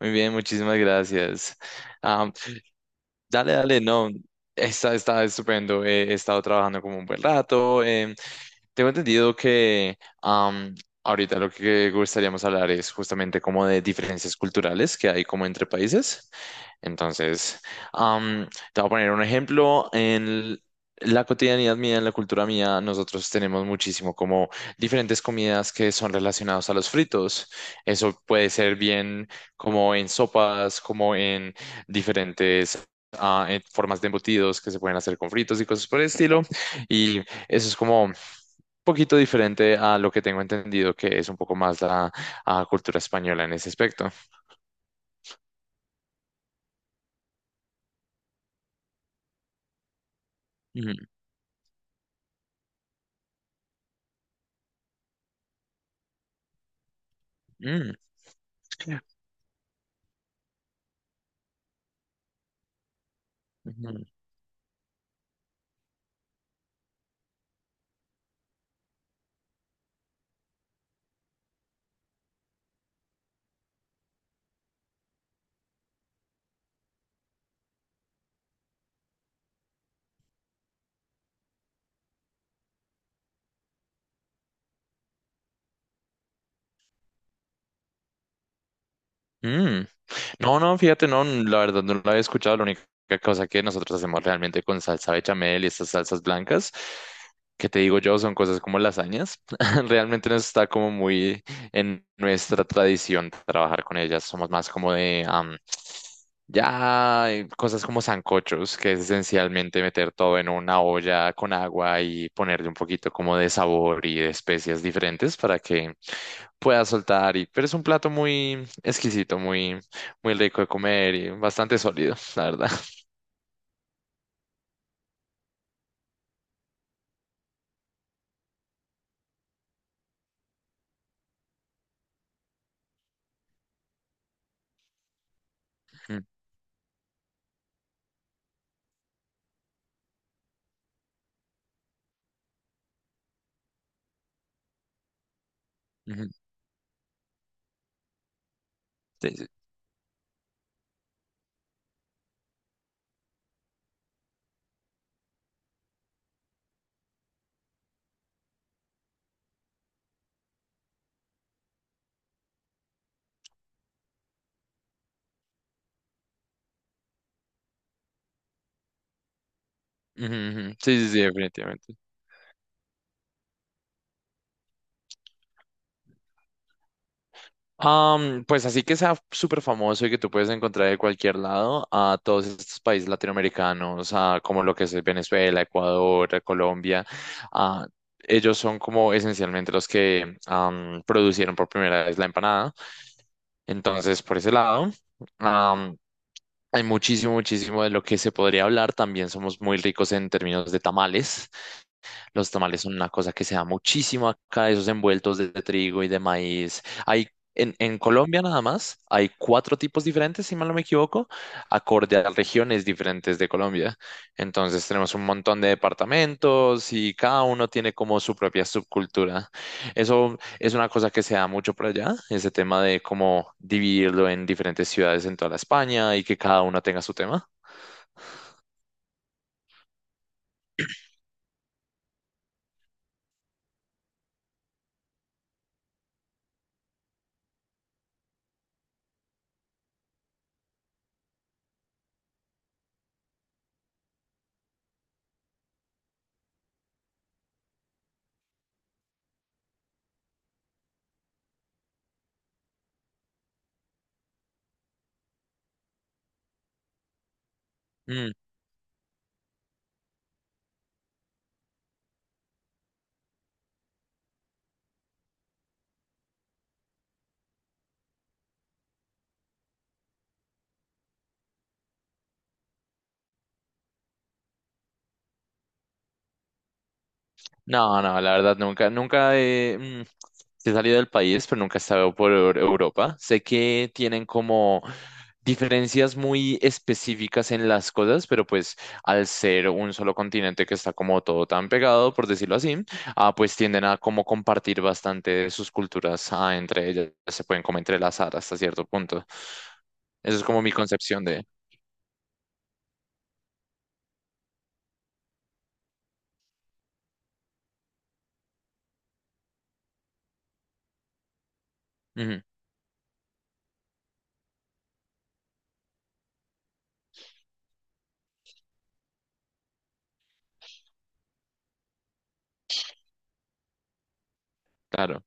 Muy bien, muchísimas gracias. Am, dale, dale, no, está, está estupendo. He estado trabajando como un buen rato. Tengo entendido que ahorita lo que gustaríamos hablar es justamente como de diferencias culturales que hay como entre países. Entonces, am, te voy a poner un ejemplo. En la cotidianidad mía, en la cultura mía, nosotros tenemos muchísimo como diferentes comidas que son relacionadas a los fritos. Eso puede ser bien como en sopas, como en diferentes... ah, en formas de embutidos que se pueden hacer con fritos y cosas por el estilo. Y eso es como poquito diferente a lo que tengo entendido, que es un poco más la cultura española en ese aspecto. Mm, mm, mm, mm. No, no, fíjate, no, la verdad no lo había escuchado. La única cosa que nosotros hacemos realmente con salsa bechamel y estas salsas blancas, que te digo yo, son cosas como lasañas. Realmente no está como muy en nuestra tradición trabajar con ellas. Somos más como de am, ya cosas como sancochos, que es esencialmente meter todo en una olla con agua y ponerle un poquito como de sabor y de especias diferentes para que pueda soltar. Y, pero es un plato muy exquisito, muy rico de comer y bastante sólido, la verdad. Ujú, ujú. Sí, sí. Ujú, ujú. Sí, sí, sí, definitivamente. Pues así que sea súper famoso y que tú puedes encontrar de cualquier lado a todos estos países latinoamericanos, a como lo que es Venezuela, Ecuador, Colombia, ah, ellos son como esencialmente los que producieron por primera vez la empanada. Entonces, por ese lado, am, hay muchísimo, muchísimo de lo que se podría hablar. También somos muy ricos en términos de tamales. Los tamales son una cosa que se da muchísimo acá, esos envueltos de trigo y de maíz. Hay en Colombia nada más, hay cuatro tipos diferentes, si mal no me equivoco, acorde a las regiones diferentes de Colombia. Entonces tenemos un montón de departamentos y cada uno tiene como su propia subcultura. Eso es una cosa que se da mucho por allá, ese tema de cómo dividirlo en diferentes ciudades en toda la España y que cada uno tenga su tema. No, no, la verdad nunca, sí he salido del país, pero nunca he estado por Europa. Sé que tienen como diferencias muy específicas en las cosas, pero pues al ser un solo continente que está como todo tan pegado, por decirlo así, ah, pues tienden a como compartir bastante de sus culturas ah, entre ellas, se pueden como entrelazar hasta cierto punto. Eso es como mi concepción de... Ujú, claro.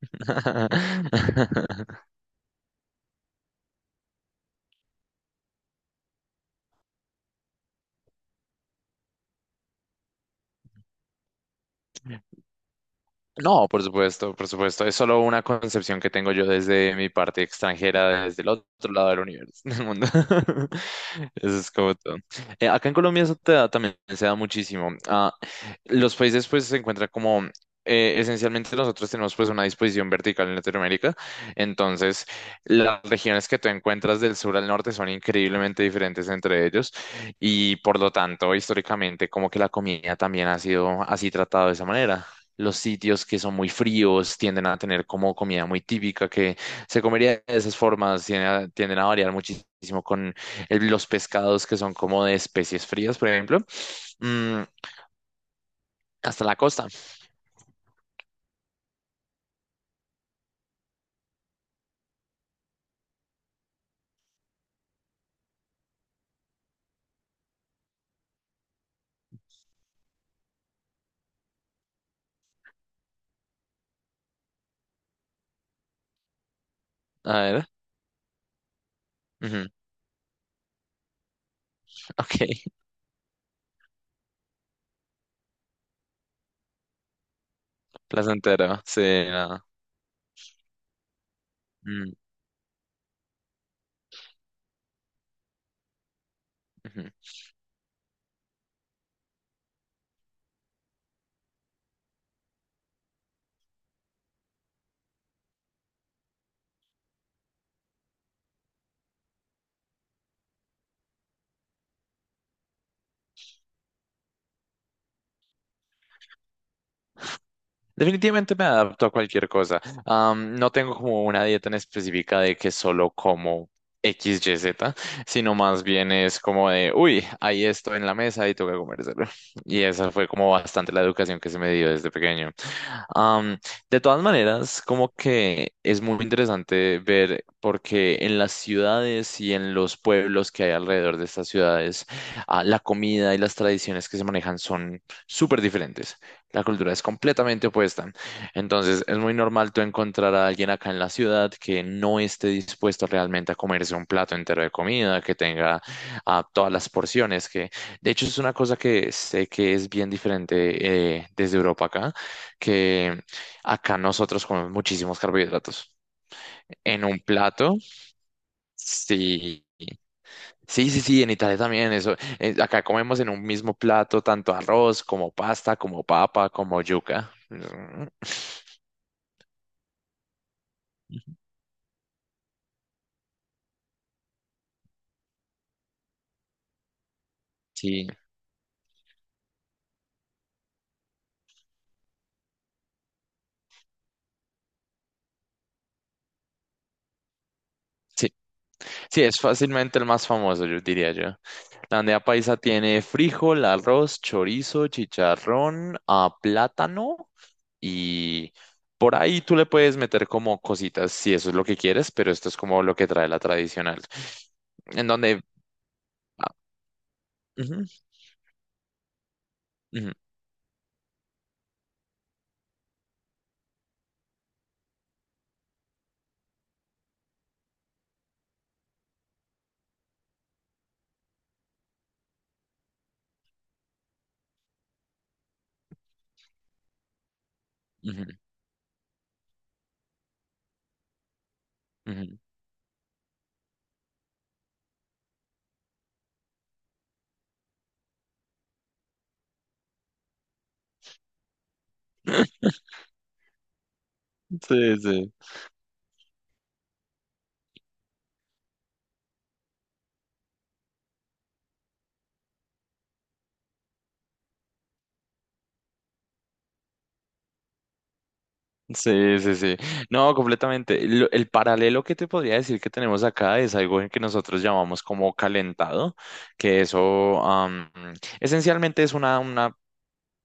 No, por supuesto, por supuesto. Es solo una concepción que tengo yo desde mi parte extranjera, desde el otro lado del universo, del mundo. Eso es como todo. Acá en Colombia eso también se da muchísimo. Ah, los países pues se encuentran como... esencialmente nosotros tenemos pues una disposición vertical en Latinoamérica, entonces las regiones que tú encuentras del sur al norte son increíblemente diferentes entre ellos y por lo tanto históricamente como que la comida también ha sido así tratada de esa manera. Los sitios que son muy fríos tienden a tener como comida muy típica que se comería de esas formas, tienden a variar muchísimo con los pescados que son como de especies frías, por ejemplo, mm, hasta la costa. A ver, ujú, ok, placentero, sí, nada. Mm, ujú. Definitivamente me adapto a cualquier cosa. No tengo como una dieta en específica de que solo como X, Y, Z, sino más bien es como de, uy, hay esto en la mesa y tengo que comérselo. Y esa fue como bastante la educación que se me dio desde pequeño. Am, de todas maneras, como que es muy interesante ver, porque en las ciudades y en los pueblos que hay alrededor de estas ciudades, ah, la comida y las tradiciones que se manejan son súper diferentes. La cultura es completamente opuesta. Entonces, es muy normal tú encontrar a alguien acá en la ciudad que no esté dispuesto realmente a comerse un plato entero de comida, que tenga ah, todas las porciones, que de hecho es una cosa que sé que es bien diferente desde Europa acá, que acá nosotros comemos muchísimos carbohidratos. En un plato, sí. Sí, sí, sí, en Italia también eso. Eh, acá comemos en un mismo plato tanto arroz como pasta, como papa, como yuca. Mm, sí, sí, sí, es fácilmente el más famoso, yo diría yo. La bandeja paisa tiene frijol, arroz, chorizo, chicharrón, ah, plátano y por ahí tú le puedes meter como cositas si eso es lo que quieres, pero esto es como lo que trae la tradicional. En donde... ah, ujú, ujú, ujú, ujú. Sí, sí. Sí, sí, sí. No, completamente. El paralelo que te podría decir que tenemos acá es algo en que nosotros llamamos como calentado, que eso esencialmente es una, una,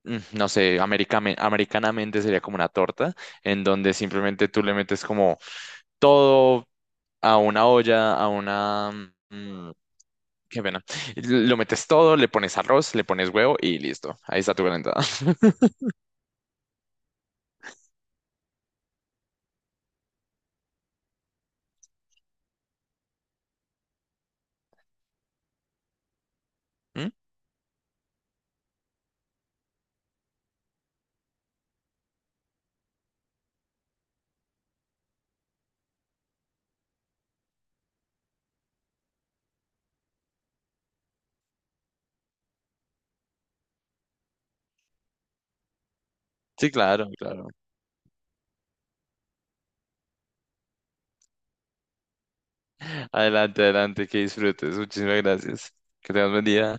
mm, no sé, americanamente sería como una torta, en donde simplemente tú le metes como todo a una olla, a una... mm, qué pena. Lo metes todo, le pones arroz, le pones huevo y listo. Ahí está tu calentada. ¿Mm? Sí, claro, claro. Adelante, adelante, que disfrutes. Muchísimas gracias. Que tengas buen día.